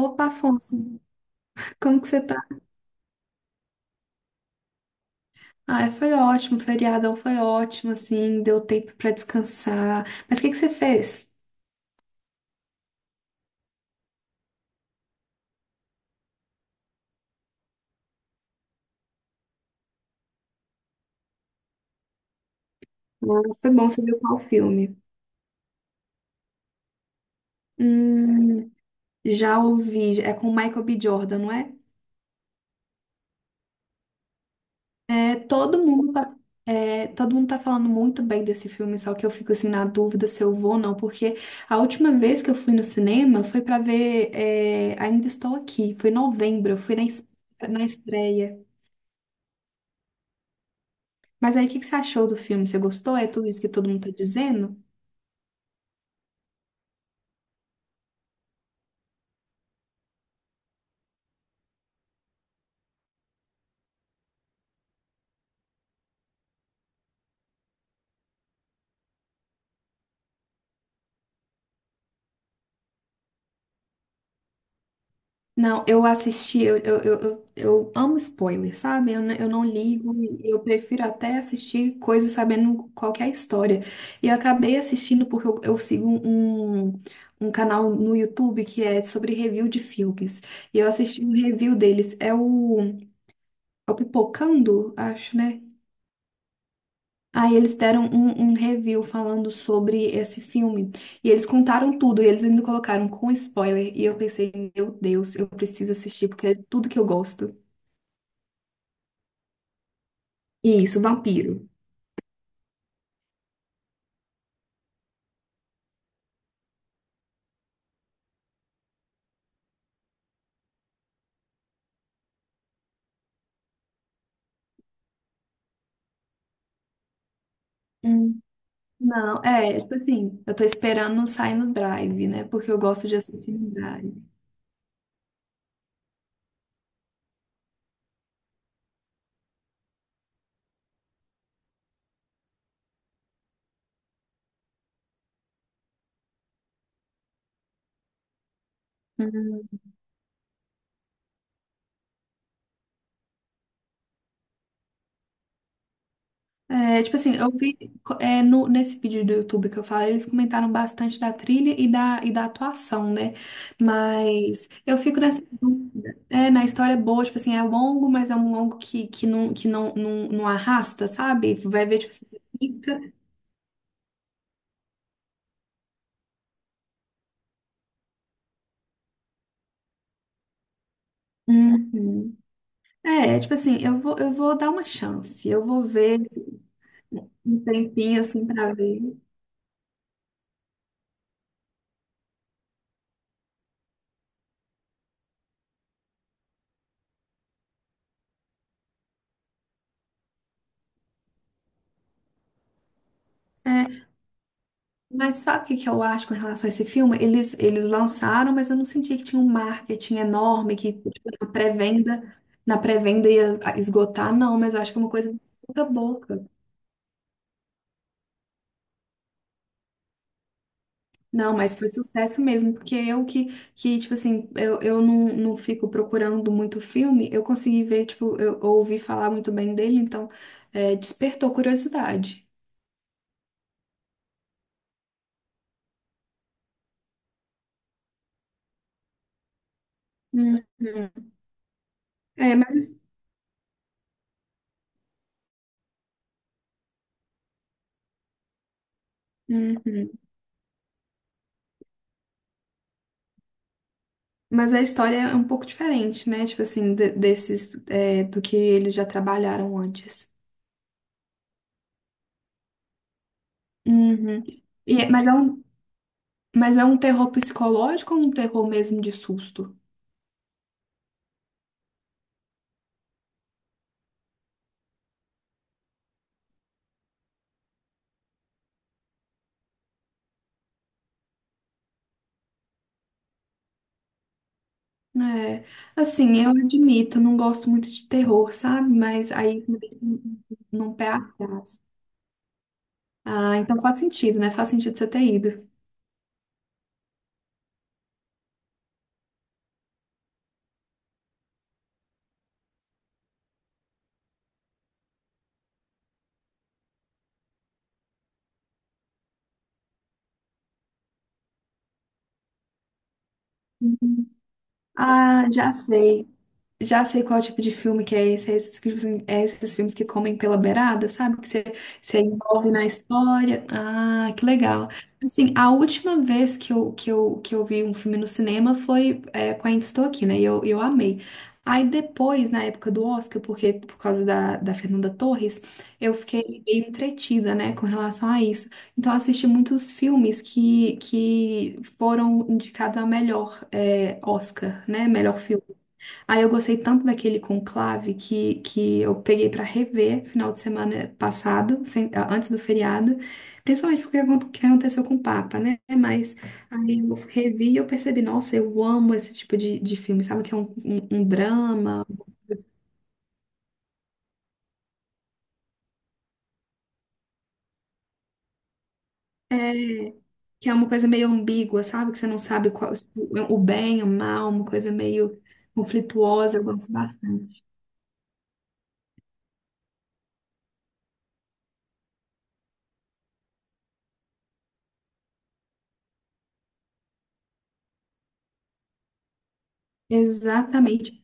Opa, Afonso, como que você tá? Ah, foi ótimo, o feriadão foi ótimo, assim, deu tempo pra descansar. Mas o que que você fez? Ah, foi bom, você viu qual filme? Hum, já ouvi, é com o Michael B. Jordan, não é? É, todo mundo tá, todo mundo tá falando muito bem desse filme, só que eu fico, assim, na dúvida se eu vou ou não, porque a última vez que eu fui no cinema foi pra ver, Ainda Estou Aqui, foi em novembro, eu fui na, na estreia. Mas aí, o que que você achou do filme? Você gostou? É tudo isso que todo mundo tá dizendo? Não, eu assisti, eu amo spoiler, sabe? Eu não ligo, eu prefiro até assistir coisas sabendo qual que é a história. E eu acabei assistindo porque eu sigo um canal no YouTube que é sobre review de filmes. E eu assisti um review deles, é o Pipocando, acho, né? Aí eles deram um review falando sobre esse filme. E eles contaram tudo, e eles ainda colocaram com spoiler. E eu pensei, meu Deus, eu preciso assistir, porque é tudo que eu gosto. E isso, vampiro. Hum. Não, é, tipo assim, eu tô esperando sair no Drive, né? Porque eu gosto de assistir no Drive. Uhum. É, tipo assim, eu vi, co- é, no, nesse vídeo do YouTube que eu falei, eles comentaram bastante da trilha e da atuação, né? Mas eu fico nessa dúvida. É, na história é boa, tipo assim, é longo, mas é um longo que não arrasta, sabe? Vai ver, tipo assim, fica. Uhum. É, tipo assim, eu vou dar uma chance, eu vou ver um tempinho assim pra ver. É, Mas sabe o que que eu acho com relação a esse filme? Eles lançaram, mas eu não senti que tinha um marketing enorme, que tipo, na pré-venda ia esgotar, não, mas eu acho que é uma coisa de boca a boca. Não, mas foi sucesso mesmo, porque eu que tipo assim, eu não, não fico procurando muito filme, eu consegui ver, tipo, eu ouvi falar muito bem dele, então despertou curiosidade. Uhum. É, mas. Uhum. Mas a história é um pouco diferente, né? Tipo assim, desses, do que eles já trabalharam antes. Uhum. E é- mas é um, mas é um terror psicológico ou um terror mesmo de susto? É, assim, eu admito, não gosto muito de terror, sabe? Mas aí num pé atrás. Ah, então faz sentido, né? Faz sentido você ter ido. Uhum. Ah, já sei. Já sei qual tipo de filme que é esse, é esses, que, tipo assim, é esses filmes que comem pela beirada, sabe? Que você se envolve na história. Ah, que legal. Assim, a última vez que eu vi um filme no cinema foi com a Ainda Estou Aqui, né? E eu amei. Aí depois, na época do Oscar, porque por causa da Fernanda Torres, eu fiquei meio entretida, né, com relação a isso. Então, eu assisti muitos filmes que foram indicados ao melhor Oscar, né? Melhor filme. Aí eu gostei tanto daquele conclave que eu peguei pra rever final de semana passado, antes do feriado, principalmente porque que aconteceu com o Papa, né? Mas aí eu revi e eu percebi, nossa, eu amo esse tipo de filme, sabe? Que é um drama, é, que é uma coisa meio ambígua, sabe? Que você não sabe qual, o bem, o mal, uma coisa meio conflituosa, eu gosto bastante. Exatamente.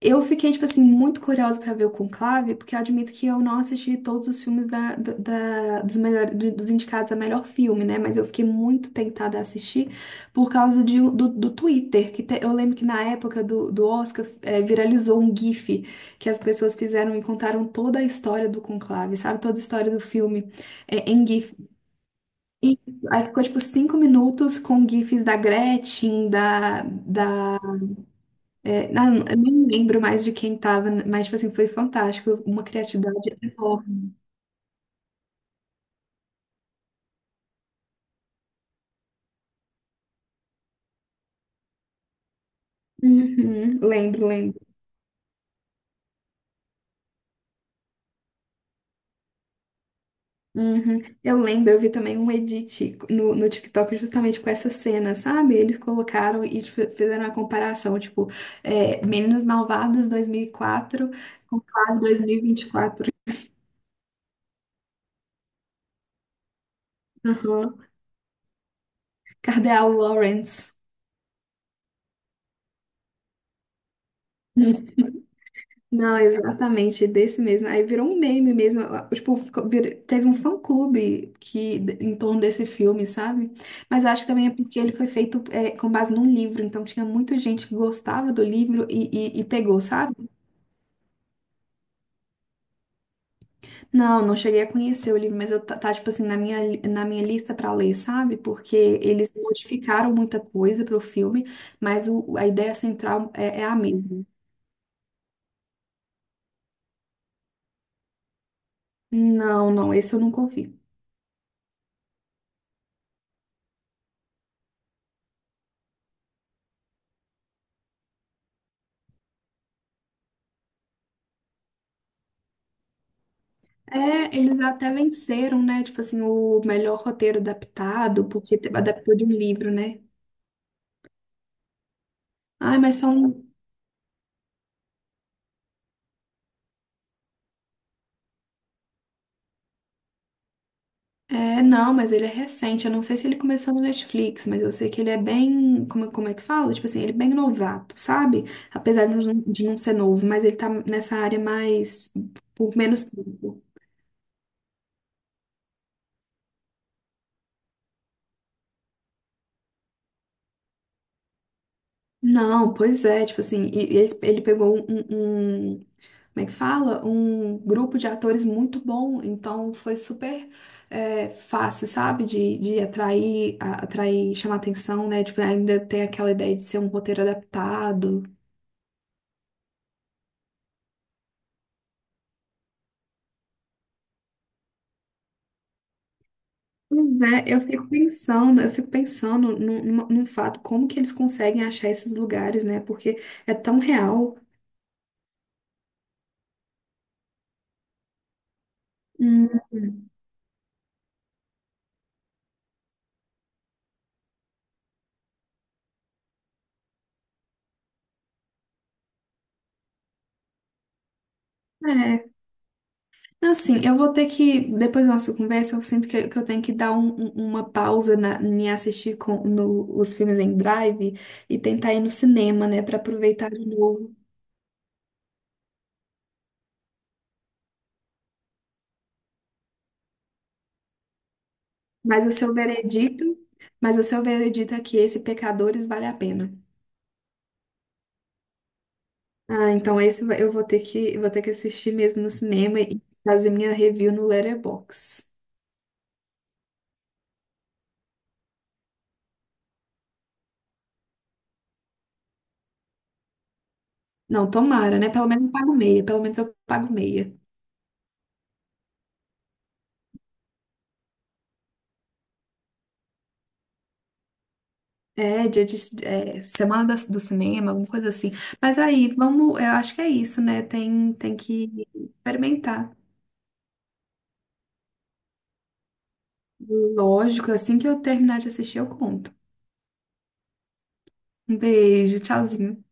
Eu fiquei, tipo assim, muito curiosa pra ver o Conclave, porque eu admito que eu não assisti todos os filmes dos, melhor, dos indicados a melhor filme, né? Mas eu fiquei muito tentada a assistir por causa de, do Twitter, eu lembro que na época do Oscar viralizou um GIF que as pessoas fizeram e contaram toda a história do Conclave, sabe? Toda a história do filme, em GIF. E aí ficou, tipo, 5 minutos com GIFs da Gretchen, eu nem lembro mais de quem tava, mas, tipo assim, foi fantástico. Uma criatividade enorme. Uhum, lembro, lembro. Uhum. Eu lembro, eu vi também um edit no TikTok justamente com essa cena, sabe? Eles colocaram e tipo, fizeram uma comparação, tipo, Meninas Malvadas 2004 com Claro 2024. Uhum. Cadê a Lawrence? Não, exatamente, desse mesmo. Aí virou um meme mesmo. Tipo, teve um fã-clube que em torno desse filme, sabe? Mas eu acho que também é porque ele foi feito com base num livro, então tinha muita gente que gostava do livro e pegou, sabe? Não, não cheguei a conhecer o livro, mas tipo assim, na minha lista pra ler, sabe? Porque eles modificaram muita coisa pro filme, mas a ideia central é a mesma. Não, não, esse eu nunca ouvi. É, eles até venceram, né? Tipo assim, o melhor roteiro adaptado, porque adaptou de um livro, né? Ai, mas falam. É, não, mas ele é recente. Eu não sei se ele começou no Netflix, mas eu sei que ele é bem. Como, como é que fala? Tipo assim, ele é bem novato, sabe? Apesar de não ser novo, mas ele tá nessa área mais. Por menos tempo. Não, pois é, tipo assim, ele pegou como é que fala? Um grupo de atores muito bom, então foi super fácil, sabe? De atrair, atrair, chamar atenção, né? Tipo, ainda tem aquela ideia de ser um roteiro adaptado. Pois é, eu fico pensando num, num fato, como que eles conseguem achar esses lugares, né? Porque é tão real. Hum. Assim, eu vou ter que, depois da nossa conversa, eu sinto que eu tenho que dar uma pausa em assistir com, no- os filmes em drive e tentar ir no cinema, né, para aproveitar de novo. Mas o seu veredito, mas o seu veredito é que esse Pecadores vale a pena. Ah, então eu vou ter que assistir mesmo no cinema e fazer minha review no Letterboxd. Não, tomara, né? Pelo menos eu pago meia, pelo menos eu pago meia. É, dia de, semana do cinema, alguma coisa assim. Mas aí, vamos, eu acho que é isso, né? Tem, tem que experimentar. Lógico, assim que eu terminar de assistir, eu conto. Um beijo, tchauzinho.